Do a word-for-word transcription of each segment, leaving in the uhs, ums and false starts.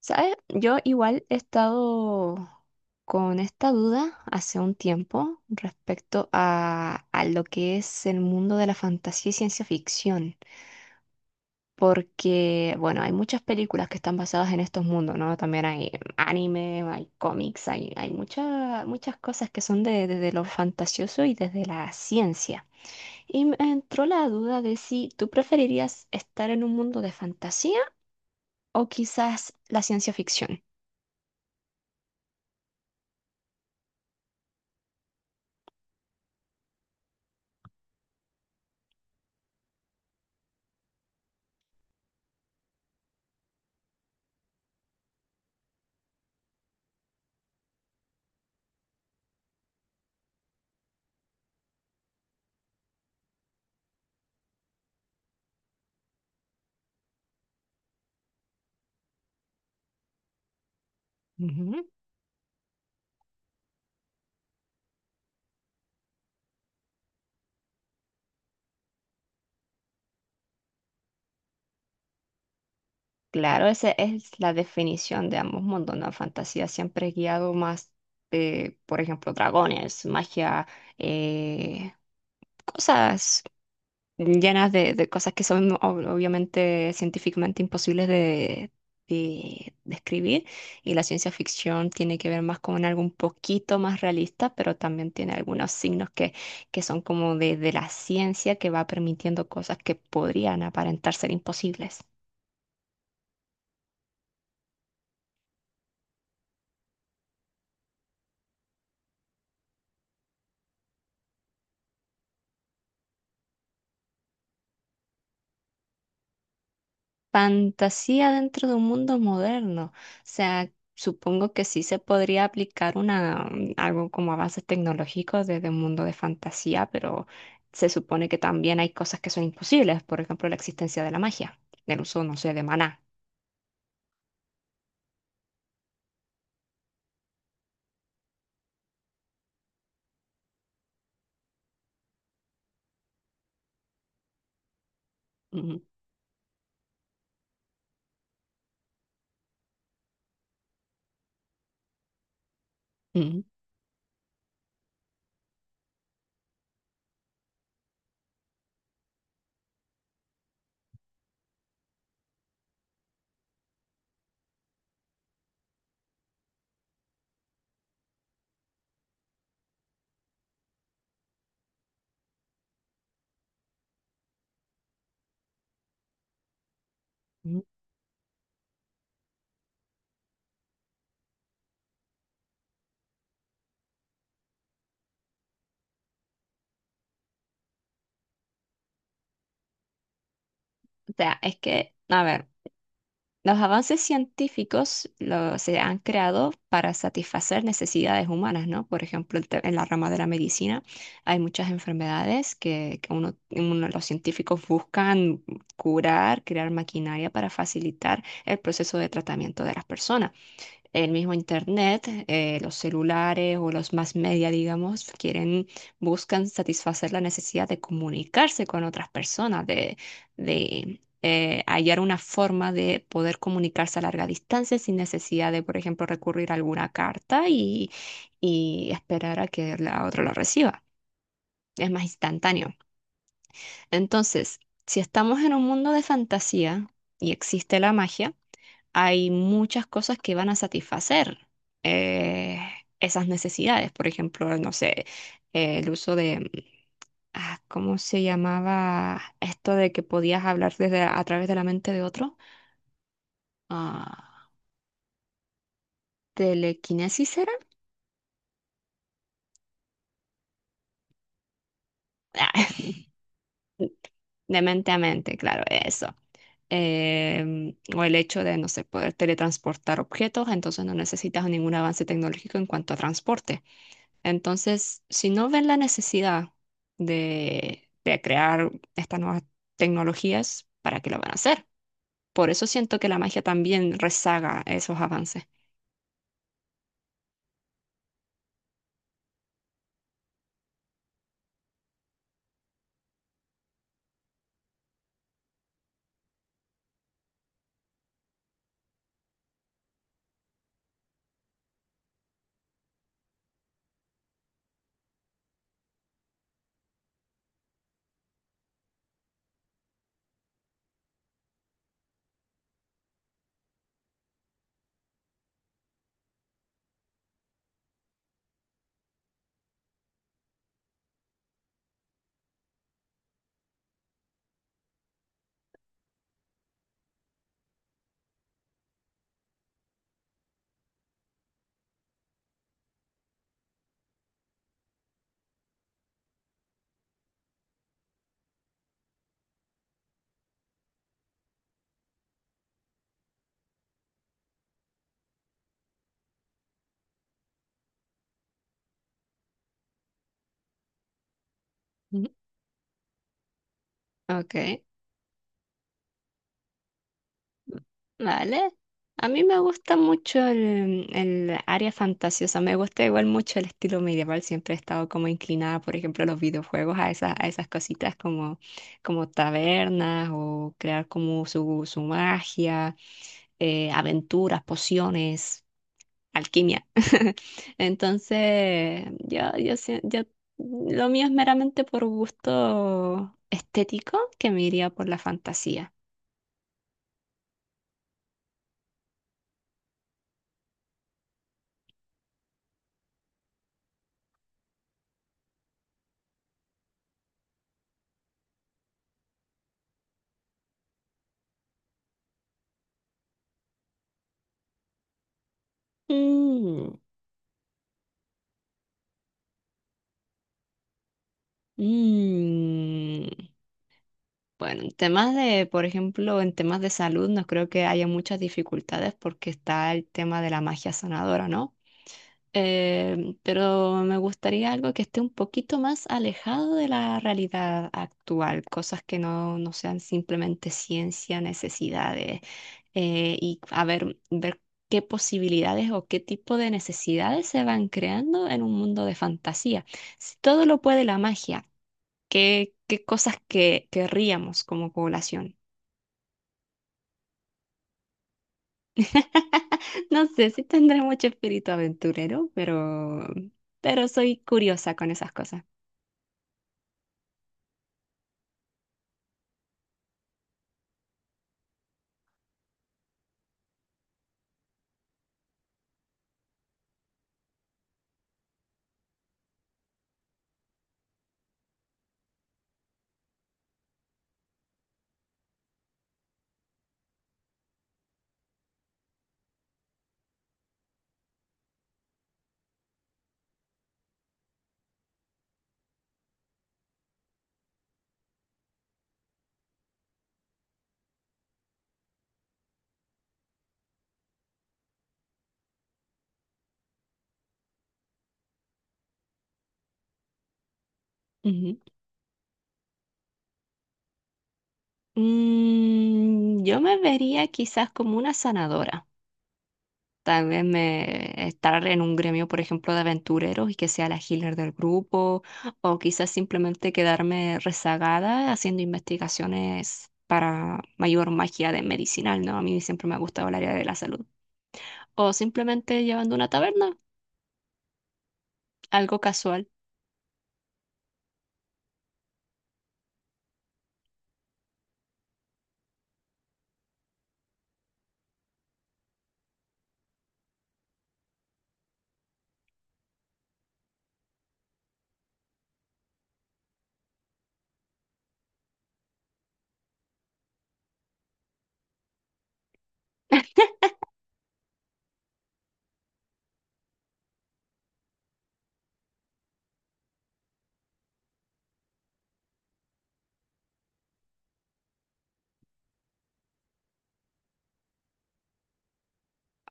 ¿Sabes? Yo igual he estado con esta duda hace un tiempo respecto a, a lo que es el mundo de la fantasía y ciencia ficción, porque, bueno, hay muchas películas que están basadas en estos mundos, ¿no? También hay anime, hay cómics, hay, hay mucha- muchas cosas que son de- desde lo fantasioso y desde la ciencia. Y me entró la duda de si tú preferirías estar en un mundo de fantasía o quizás la ciencia ficción. Claro, esa es la definición de ambos mundos, ¿no? Fantasía siempre es guiado más, eh, por ejemplo, dragones, magia, eh, cosas llenas de, de cosas que son ob- obviamente científicamente imposibles de, de describir. Y la ciencia ficción tiene que ver más con algo un poquito más realista, pero también tiene algunos signos que, que son como de, de la ciencia que va permitiendo cosas que podrían aparentar ser imposibles. Fantasía dentro de un mundo moderno. O sea, supongo que sí se podría aplicar una, mm, algo como avances tecnológicos desde un mundo de fantasía, pero se supone que también hay cosas que son imposibles, por ejemplo, la existencia de la magia, el uso, no sé, de maná. Ujú, ujú, ujú. O sea, es que, a ver. Los avances científicos lo- se han creado para satisfacer necesidades humanas, ¿no? Por ejemplo, el te- en la rama de la medicina hay muchas enfermedades que, que uno, uno- los científicos buscan curar, crear maquinaria para facilitar el proceso de tratamiento de las personas, el mismo internet, eh, los celulares o los más media, digamos, quieren, buscan satisfacer la necesidad de comunicarse con otras personas, de, de eh, hallar una forma de poder comunicarse a larga distancia sin necesidad de, por ejemplo, recurrir a alguna carta y, y esperar a que la otra lo reciba. Es más instantáneo. Entonces, si estamos en un mundo de fantasía y existe la magia, hay muchas cosas que van a satisfacer eh, esas necesidades. Por ejemplo, no sé, eh, el uso de, mm, ah, ¿cómo se llamaba esto de que podías hablar desde, a través de la mente de otro? Ah, ¿telequinesis era? Ah, De mente a mente, claro, eso. Em, o el hecho de, no sé, poder teletransportar objetos, entonces no necesitas ningún avance tecnológico en cuanto a transporte. Entonces, si no ven la necesidad de, de crear estas nuevas tecnologías, ¿para qué lo van a hacer? Por eso siento que la magia también rezaga esos avances. Ujú. Ok. Vale. A mí me gusta mucho el, el área fantasiosa, me gusta igual mucho el estilo medieval, siempre he estado como inclinada, por ejemplo, a los videojuegos, a esas, a esas cositas como, como tabernas o crear como su, su magia, eh, aventuras, pociones, alquimia. Entonces, yo, yo, sie- yo, lo mío es meramente por gusto estético, que me iría por la fantasía. Mm. Mm, bueno, en temas de, por ejemplo, en temas de salud no creo que haya muchas dificultades porque está el tema de la magia sanadora, ¿no? Eh, pero me gustaría algo que esté un poquito más alejado de la realidad actual, cosas que no, no sean simplemente ciencia, necesidades, eh, y a ver, ver qué posibilidades o qué tipo de necesidades se van creando en un mundo de fantasía. Si todo lo puede la magia, qué, qué cosas que querríamos como población. No sé si tendré mucho espíritu aventurero, pero, pero soy curiosa con esas cosas. Ujú. Mm, yo me vería quizás como una sanadora. Tal vez me estar en un gremio, por ejemplo, de aventureros y que sea la healer del grupo, o quizás simplemente quedarme rezagada haciendo investigaciones para mayor magia de medicinal, ¿no? A mí siempre me ha gustado el área de la salud, o simplemente llevando una taberna, algo casual.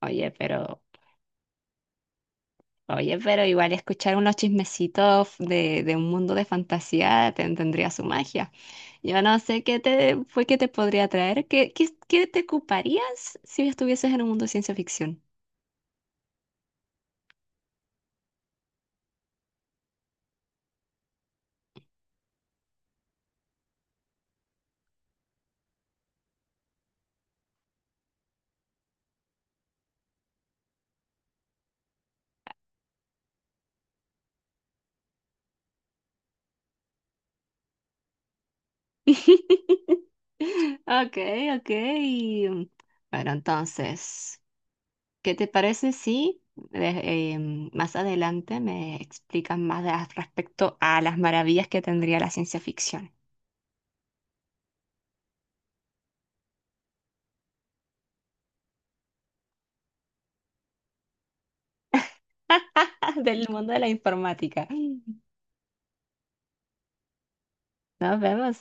Oye, pero, oye, pero igual escuchar unos chismecitos de, de un mundo de fantasía te- tendría su magia. Yo no sé qué te fue que te podría traer, qué, qué, qué te ocuparías si estuvieses en un mundo de ciencia ficción. Ok, ok. Bueno, entonces, ¿qué te parece si eh, em, más adelante me explican más de- respecto a las maravillas que tendría la ciencia ficción del mundo de la informática? Nos vemos.